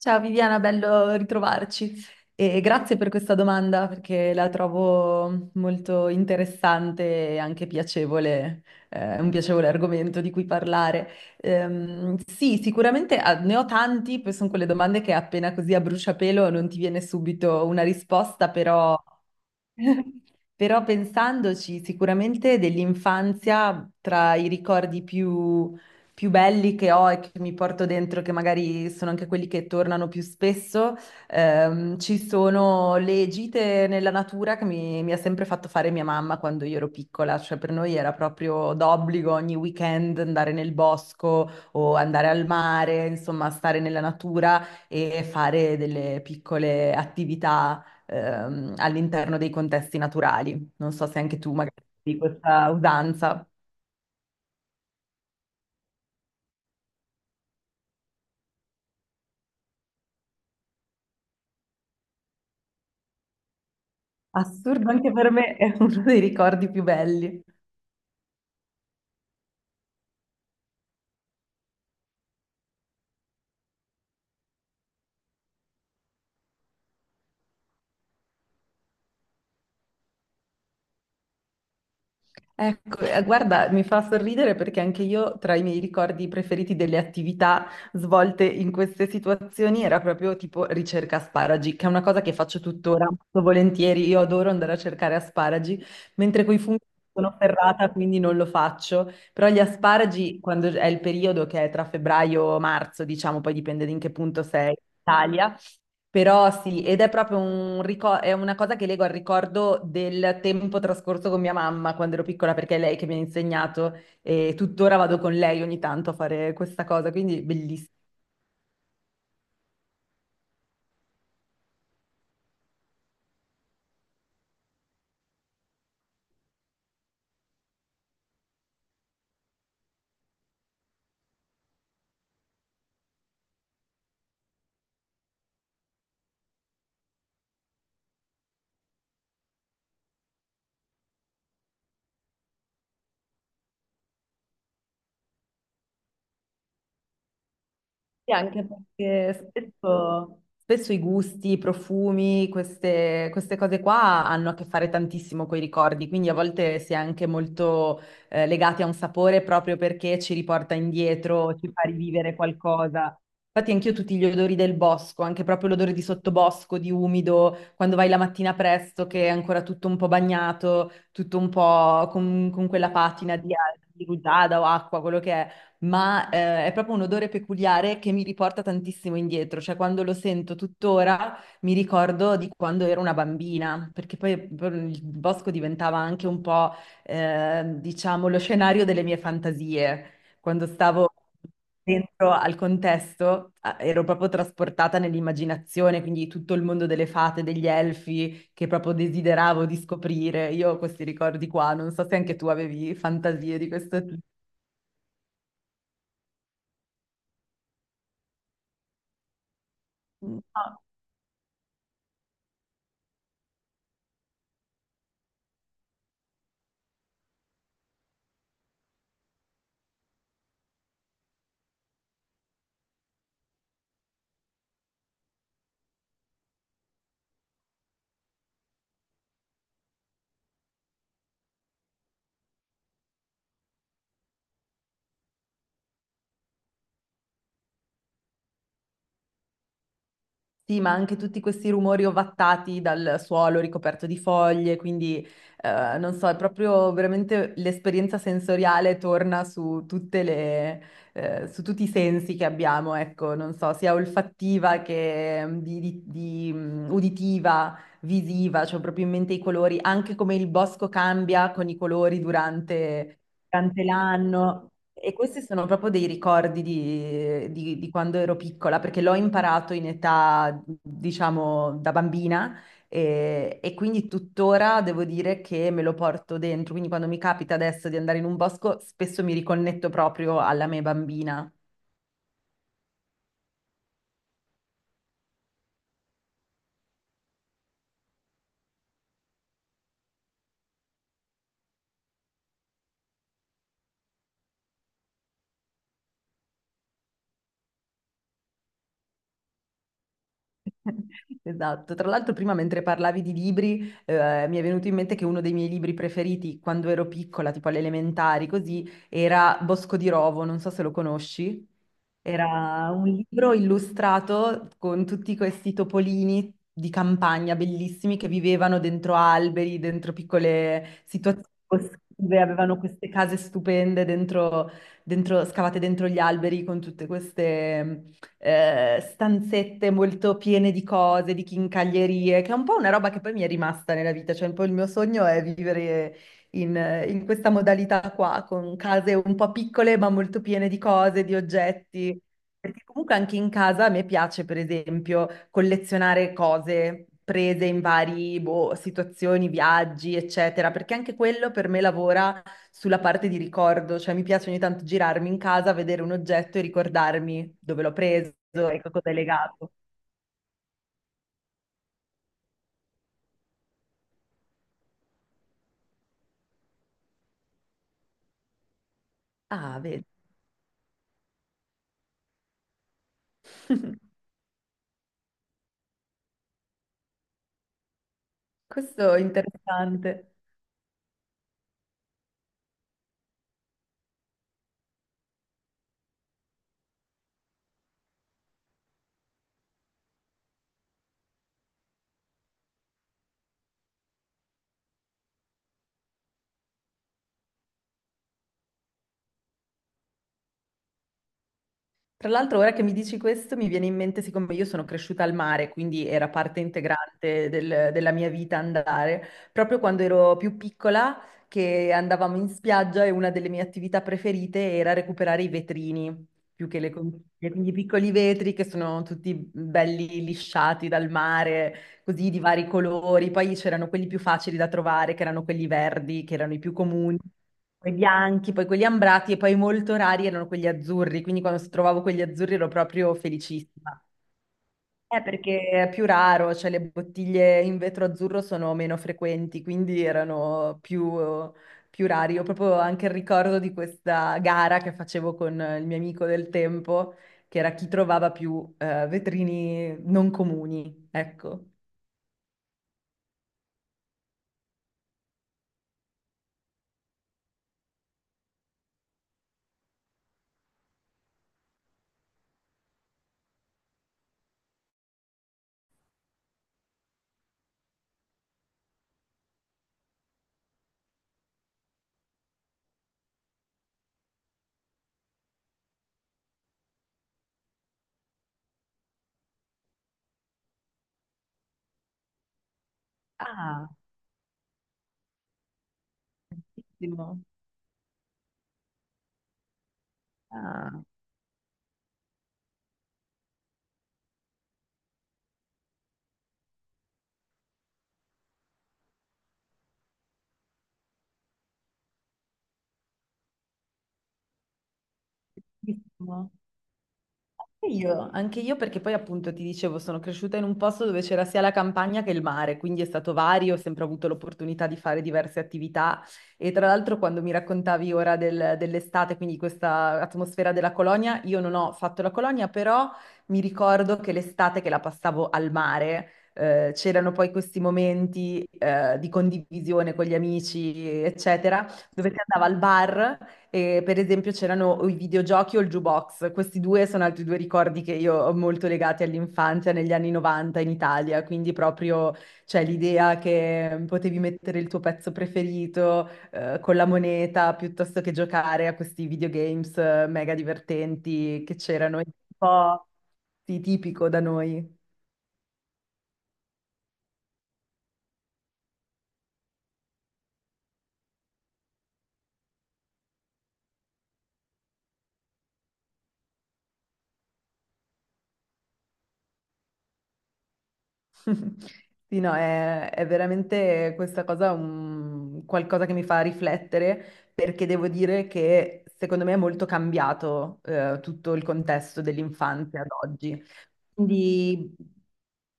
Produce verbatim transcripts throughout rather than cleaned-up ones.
Ciao Viviana, bello ritrovarci e grazie per questa domanda perché la trovo molto interessante e anche piacevole, eh, un piacevole argomento di cui parlare. Ehm, sì, sicuramente ah, ne ho tanti, poi sono quelle domande che appena così a bruciapelo non ti viene subito una risposta, però però pensandoci, sicuramente dell'infanzia, tra i ricordi più, più belli che ho e che mi porto dentro, che magari sono anche quelli che tornano più spesso, ehm, ci sono le gite nella natura che mi, mi ha sempre fatto fare mia mamma quando io ero piccola. Cioè per noi era proprio d'obbligo ogni weekend andare nel bosco o andare al mare, insomma, stare nella natura e fare delle piccole attività ehm, all'interno dei contesti naturali. Non so se anche tu magari di questa usanza. Assurdo anche per me, è uno dei ricordi più belli. Ecco, eh, guarda, mi fa sorridere perché anche io tra i miei ricordi preferiti delle attività svolte in queste situazioni era proprio tipo ricerca asparagi, che è una cosa che faccio tuttora molto volentieri. Io adoro andare a cercare asparagi, mentre coi funghi sono ferrata, quindi non lo faccio. Però gli asparagi, quando è il periodo che è tra febbraio e marzo, diciamo, poi dipende da in che punto sei in Italia, però sì, ed è proprio un ricor- è una cosa che leggo al ricordo del tempo trascorso con mia mamma quando ero piccola, perché è lei che mi ha insegnato e tuttora vado con lei ogni tanto a fare questa cosa, quindi bellissimo. Sì, anche perché spesso, spesso i gusti, i profumi, queste, queste cose qua hanno a che fare tantissimo con i ricordi, quindi a volte si è anche molto eh, legati a un sapore proprio perché ci riporta indietro, ci fa rivivere qualcosa. Infatti anch'io tutti gli odori del bosco, anche proprio l'odore di sottobosco, di umido, quando vai la mattina presto che è ancora tutto un po' bagnato, tutto un po' con, con quella patina di, di rugiada o acqua, quello che è ma eh, è proprio un odore peculiare che mi riporta tantissimo indietro, cioè quando lo sento tuttora mi ricordo di quando ero una bambina, perché poi il bosco diventava anche un po', eh, diciamo, lo scenario delle mie fantasie. Quando stavo dentro al contesto eh, ero proprio trasportata nell'immaginazione, quindi tutto il mondo delle fate, degli elfi, che proprio desideravo di scoprire. Io ho questi ricordi qua, non so se anche tu avevi fantasie di questo tipo. No. Sì, ma anche tutti questi rumori ovattati dal suolo ricoperto di foglie, quindi eh, non so, è proprio veramente l'esperienza sensoriale torna su tutte le, eh, su tutti i sensi che abbiamo, ecco, non so, sia olfattiva che mm, di, di- di, mm, uditiva, visiva, cioè proprio in mente i colori, anche come il bosco cambia con i colori durante durante l'anno. E questi sono proprio dei ricordi di, di- di quando ero piccola, perché l'ho imparato in età, diciamo, da bambina e, e quindi tuttora devo dire che me lo porto dentro. Quindi quando mi capita adesso di andare in un bosco, spesso mi riconnetto proprio alla me bambina. Esatto. Tra l'altro, prima mentre parlavi di libri, eh, mi è venuto in mente che uno dei miei libri preferiti quando ero piccola, tipo alle elementari, così, era Bosco di Rovo, non so se lo conosci. Era un libro illustrato con tutti questi topolini di campagna bellissimi che vivevano dentro alberi, dentro piccole situazioni boschive, avevano queste case stupende dentro, dentro- scavate dentro gli alberi con tutte queste eh, stanzette molto piene di cose, di chincaglierie, che è un po' una roba che poi mi è rimasta nella vita, cioè un po' il mio sogno è vivere in, eh, in questa modalità qua, con case un po' piccole ma molto piene di cose, di oggetti. Perché comunque anche in casa a me piace, per esempio, collezionare cose prese in vari, boh, situazioni, viaggi, eccetera, perché anche quello per me lavora sulla parte di ricordo, cioè mi piace ogni tanto girarmi in casa, vedere un oggetto e ricordarmi dove l'ho preso e a cosa è legato. Ah, vedi. Questo è interessante. Tra l'altro, ora che mi dici questo, mi viene in mente, siccome io sono cresciuta al mare, quindi era parte integrante del- della mia vita andare, proprio quando ero più piccola, che andavamo in spiaggia e una delle mie attività preferite era recuperare i vetrini, più che le conchiglie, quindi i piccoli vetri che sono tutti belli lisciati dal mare, così di vari colori. Poi c'erano quelli più facili da trovare, che erano quelli verdi, che erano i più comuni poi bianchi, poi quelli ambrati e poi molto rari erano quelli azzurri, quindi quando trovavo quelli azzurri ero proprio felicissima. Eh, perché è più raro, cioè le bottiglie in vetro azzurro sono meno frequenti, quindi erano più, più rari. Ho proprio anche il ricordo di questa gara che facevo con il mio amico del tempo, che era chi trovava più eh, vetrini non comuni, ecco. Ah, bellissimo. Ah, bellissimo. Sì, Io, anche io perché poi appunto ti dicevo, sono cresciuta in un posto dove c'era sia la campagna che il mare, quindi è stato vario, ho sempre avuto l'opportunità di fare diverse attività e tra l'altro quando mi raccontavi ora del- dell'estate, quindi questa atmosfera della colonia, io non ho fatto la colonia, però mi ricordo che l'estate che la passavo al mare, eh, c'erano poi questi momenti, eh, di condivisione con gli amici, eccetera dove si andava al bar e, per esempio c'erano o i videogiochi o il jukebox, questi due sono altri due ricordi che io ho molto legati all'infanzia negli anni novanta in Italia, quindi proprio cioè, l'idea che potevi mettere il tuo pezzo preferito eh, con la moneta piuttosto che giocare a questi videogames eh, mega divertenti che c'erano, è un po' sì, tipico da noi. Sì, no, è, è veramente questa cosa un, qualcosa che mi fa riflettere perché devo dire che secondo me è molto cambiato eh, tutto il contesto dell'infanzia ad oggi. Quindi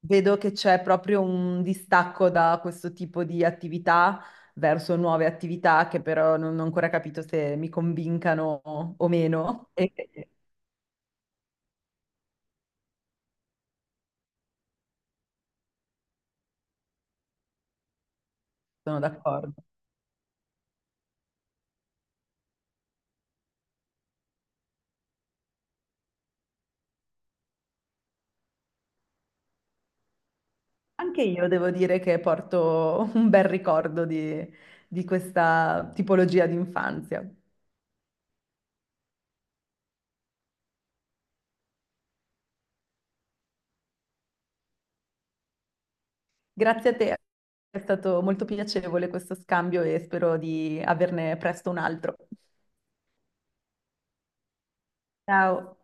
vedo che c'è proprio un distacco da questo tipo di attività verso nuove attività che però non ho ancora capito se mi convincano o meno e sono d'accordo. Anche io devo dire che porto un bel ricordo di, di questa tipologia di infanzia. Grazie a te, è stato molto piacevole questo scambio e spero di averne presto un altro. Ciao.